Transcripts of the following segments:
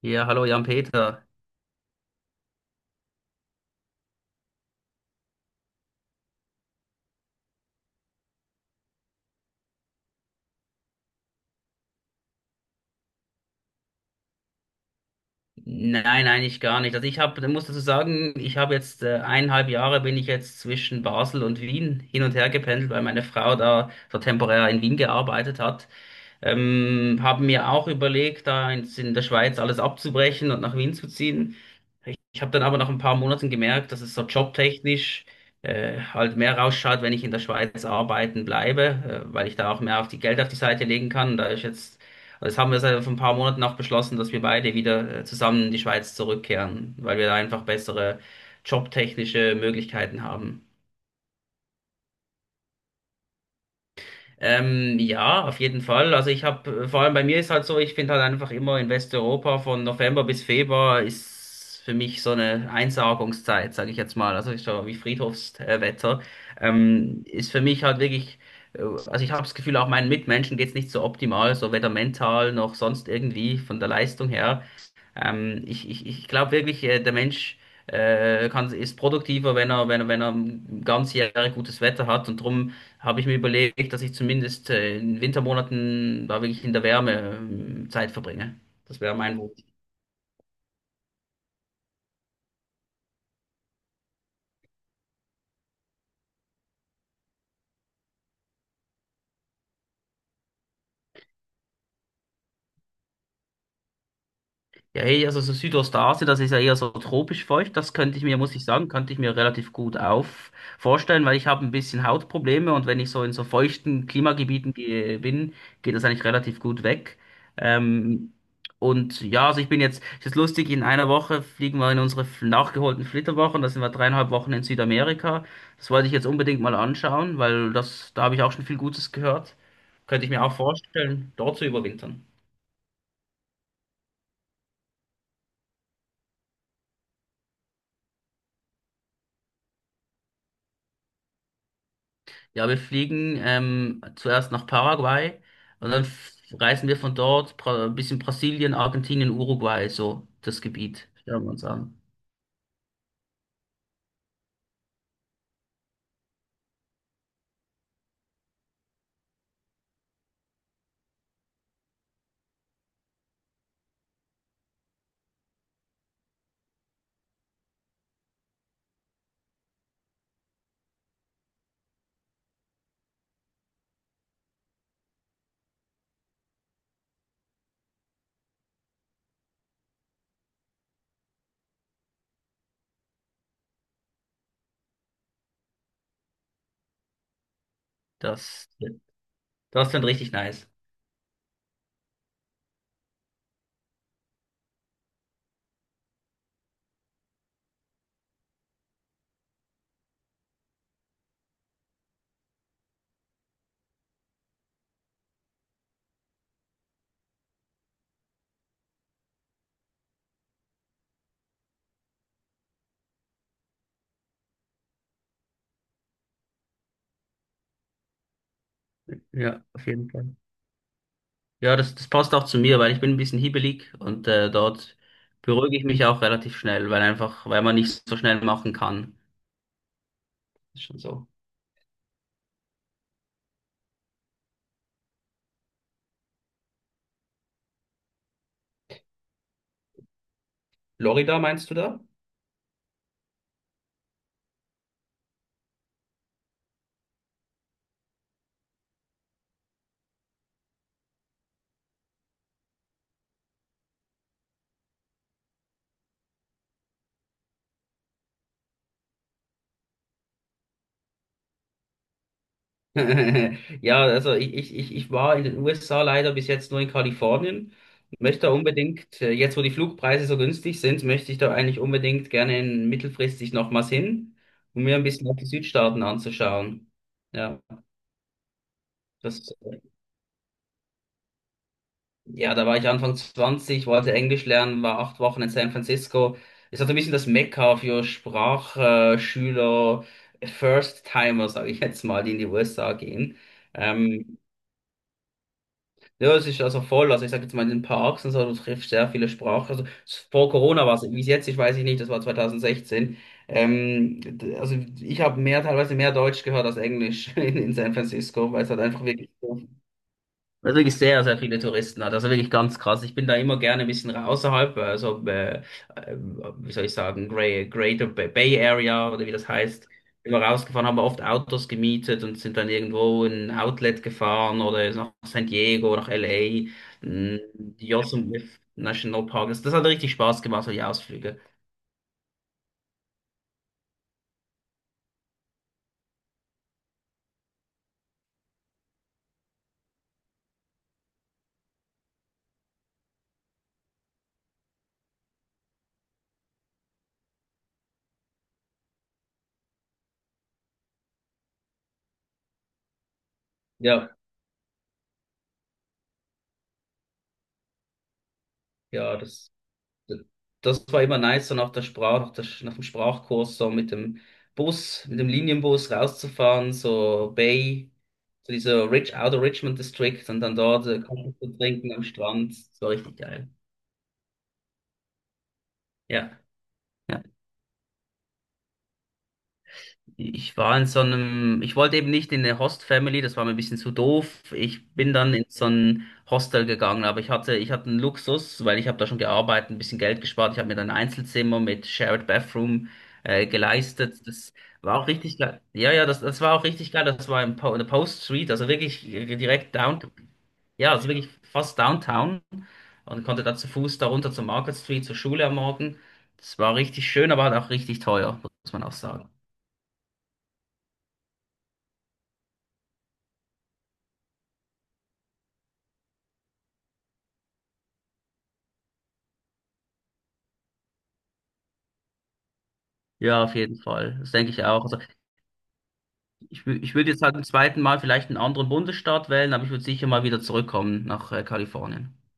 Ja, hallo Jan-Peter. Nein, eigentlich gar nicht. Also ich habe, muss dazu sagen, ich habe jetzt 1,5 Jahre bin ich jetzt zwischen Basel und Wien hin und her gependelt, weil meine Frau da so temporär in Wien gearbeitet hat. Habe mir auch überlegt, da in der Schweiz alles abzubrechen und nach Wien zu ziehen. Ich habe dann aber nach ein paar Monaten gemerkt, dass es so jobtechnisch halt mehr rausschaut, wenn ich in der Schweiz arbeiten bleibe, weil ich da auch mehr auf die Geld auf die Seite legen kann. Da ist jetzt, also das haben wir seit vor ein paar Monaten auch beschlossen, dass wir beide wieder zusammen in die Schweiz zurückkehren, weil wir da einfach bessere jobtechnische Möglichkeiten haben. Ja, auf jeden Fall. Also ich habe, vor allem bei mir ist halt so, ich finde halt einfach immer in Westeuropa von November bis Februar ist für mich so eine Einsargungszeit, sage ich jetzt mal. Also ist so wie Friedhofswetter. Ist für mich halt wirklich, also ich habe das Gefühl, auch meinen Mitmenschen geht's nicht so optimal, so weder mental noch sonst irgendwie von der Leistung her. Ich glaube wirklich, der Mensch kann, ist produktiver, wenn er ganz Jahre gutes Wetter hat. Und darum habe ich mir überlegt, dass ich zumindest in Wintermonaten da wirklich in der Wärme Zeit verbringe. Das wäre mein Wunsch. Ja, hey, also so Südostasien, das ist ja eher so tropisch feucht. Das könnte ich mir, muss ich sagen, könnte ich mir relativ gut auf vorstellen, weil ich habe ein bisschen Hautprobleme und wenn ich so in so feuchten Klimagebieten gehe, geht das eigentlich relativ gut weg. Ähm, und ja, also ich bin jetzt, es ist lustig, in einer Woche fliegen wir in unsere nachgeholten Flitterwochen. Da sind wir 3,5 Wochen in Südamerika. Das wollte ich jetzt unbedingt mal anschauen, weil das, da habe ich auch schon viel Gutes gehört. Könnte ich mir auch vorstellen, dort zu überwintern. Ja, wir fliegen zuerst nach Paraguay und dann reisen wir von dort ein bisschen Brasilien, Argentinien, Uruguay, so das Gebiet. Schauen wir uns an. Das, das klingt richtig nice. Ja, auf jeden Fall. Ja, das passt auch zu mir, weil ich bin ein bisschen hibbelig und dort beruhige ich mich auch relativ schnell, weil einfach, weil man nicht so schnell machen kann. Ist schon so. Florida meinst du da? Ja, also ich war in den USA leider bis jetzt nur in Kalifornien. Möchte da unbedingt, jetzt wo die Flugpreise so günstig sind, möchte ich da eigentlich unbedingt gerne mittelfristig nochmals hin, um mir ein bisschen auch die Südstaaten anzuschauen. Ja, das, ja, da war ich Anfang 20, wollte Englisch lernen, war 8 Wochen in San Francisco. Ist halt ein bisschen das Mekka für Sprachschüler, First-Timer, sage ich jetzt mal, die in die USA gehen. Ähm, Ja, es ist also voll. Also ich sage jetzt mal in den Parks und so, du triffst sehr viele Sprachen. Also vor Corona war es, wie es jetzt ist, weiß ich nicht, das war 2016. Also ich habe mehr, teilweise mehr Deutsch gehört als Englisch in San Francisco, weil es halt einfach wirklich so weil es wirklich sehr, sehr viele Touristen hat. Also wirklich ganz krass. Ich bin da immer gerne ein bisschen außerhalb, also äh, wie soll ich sagen, Greater Bay Area oder wie das heißt. Bin mal rausgefahren, haben wir oft Autos gemietet und sind dann irgendwo in ein Outlet gefahren oder nach San Diego, nach LA, mh, Yosemite National Park. Das, das hat richtig Spaß gemacht, so die Ausflüge. Ja, ja, das. Das war immer nice, so nach der Sprach, nach der, nach dem Sprachkurs, so mit dem Linienbus rauszufahren, so Bay, so dieser Rich, Outer Richmond District und dann dort Kaffee zu trinken am Strand. Das war richtig geil. Ja. Ich war in so einem, ich wollte eben nicht in eine Host-Family, das war mir ein bisschen zu doof. Ich bin dann in so ein Hostel gegangen, aber ich hatte einen Luxus, weil ich habe da schon gearbeitet, ein bisschen Geld gespart. Ich habe mir dann ein Einzelzimmer mit Shared Bathroom geleistet. Das war auch richtig geil. Ja, ja, das war auch richtig geil. Das war in der Post Street, also wirklich direkt downtown. Ja, also wirklich fast downtown und konnte da zu Fuß da runter zur Market Street, zur Schule am Morgen. Das war richtig schön, aber halt auch richtig teuer, muss man auch sagen. Ja, auf jeden Fall. Das denke ich auch. Also ich würde jetzt halt zum zweiten Mal vielleicht einen anderen Bundesstaat wählen, aber ich würde sicher mal wieder zurückkommen nach Kalifornien.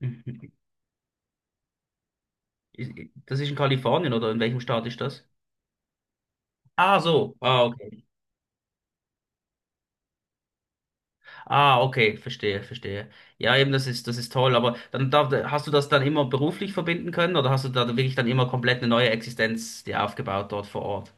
Mhm. Ist- Das ist in Kalifornien oder in welchem Staat ist das? Ah, so. Ah, okay. Ah, okay. Verstehe, verstehe. Ja, eben, das ist toll. Aber dann darf, hast du das dann immer beruflich verbinden können oder hast du da wirklich dann immer komplett eine neue Existenz dir aufgebaut dort vor Ort?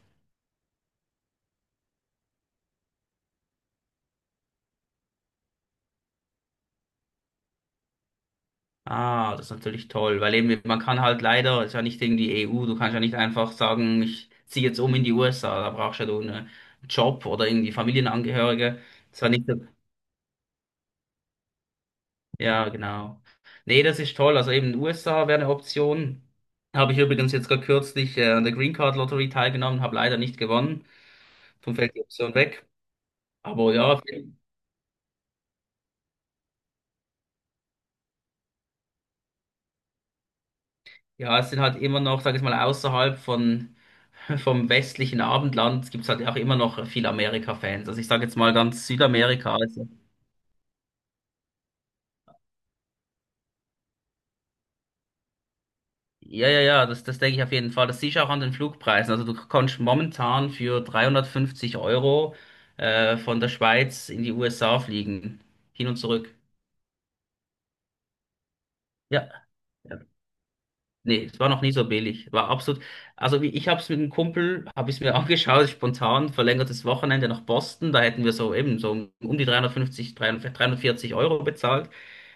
Ah, das ist natürlich toll, weil eben man kann halt leider, es ist ja nicht gegen die EU, du kannst ja nicht einfach sagen, ich ziehe jetzt um in die USA, da brauchst ja du einen Job oder irgendwie Familienangehörige. Das ist ja nicht, ja, genau. Nee, das ist toll, also eben USA wäre eine Option. Habe ich übrigens jetzt gerade kürzlich an der Green Card Lottery teilgenommen, habe leider nicht gewonnen, darum fällt die Option weg. Aber ja, Ja, es sind halt immer noch, sag ich mal, vom westlichen Abendland gibt es halt auch immer noch viele Amerika-Fans. Also ich sage jetzt mal ganz Südamerika. Also, ja, ja, ja, das denke ich auf jeden Fall. Das siehst du auch an den Flugpreisen. Also du kannst momentan für 350 Euro von der Schweiz in die USA fliegen. Hin und zurück. Ja. Nee, es war noch nie so billig. War absolut. Also wie ich habe es mit einem Kumpel, habe ich mir angeschaut, spontan, verlängertes Wochenende nach Boston. Da hätten wir so eben so um die 350, 300 340 Euro bezahlt.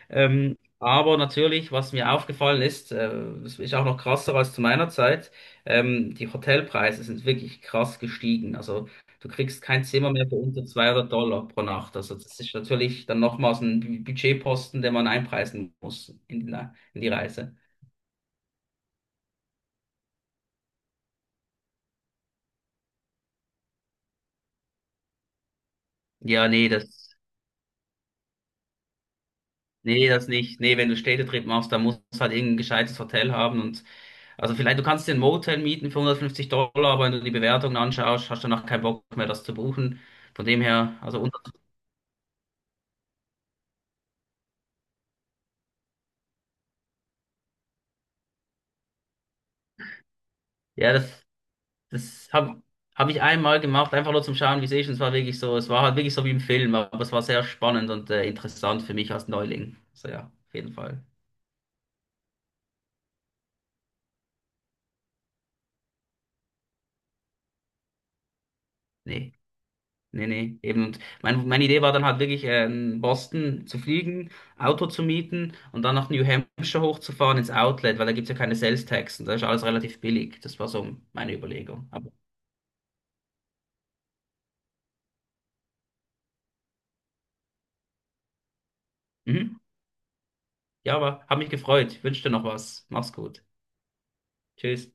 Aber natürlich, was mir aufgefallen ist, das ist auch noch krasser als zu meiner Zeit, die Hotelpreise sind wirklich krass gestiegen. Also du kriegst kein Zimmer mehr für unter 200 Dollar pro Nacht. Also das ist natürlich dann nochmals ein Budgetposten, den man einpreisen muss in die Reise. Ja, nee, das. Nee, das nicht. Nee, wenn du Städtetrip machst, dann musst du halt irgendein gescheites Hotel haben und also vielleicht, du kannst dir ein Motel mieten für 150 Dollar, aber wenn du die Bewertungen anschaust, hast du danach keinen Bock mehr, das zu buchen. Von dem her, also unter, ja, das, das habe hab hab ich einmal gemacht, einfach nur zum Schauen, wie es ist. Und es war wirklich so, es war halt wirklich so wie im Film, aber es war sehr spannend und interessant für mich als Neuling. So ja, auf jeden Fall. Nee. Nee, nee, eben. Und meine Idee war dann halt wirklich, in Boston zu fliegen, Auto zu mieten und dann nach New Hampshire hochzufahren ins Outlet, weil da gibt's ja keine Sales Tax und da ist alles relativ billig. Das war so meine Überlegung. Aber, mhm. Ja, aber hab mich gefreut. Wünsche dir noch was. Mach's gut. Tschüss.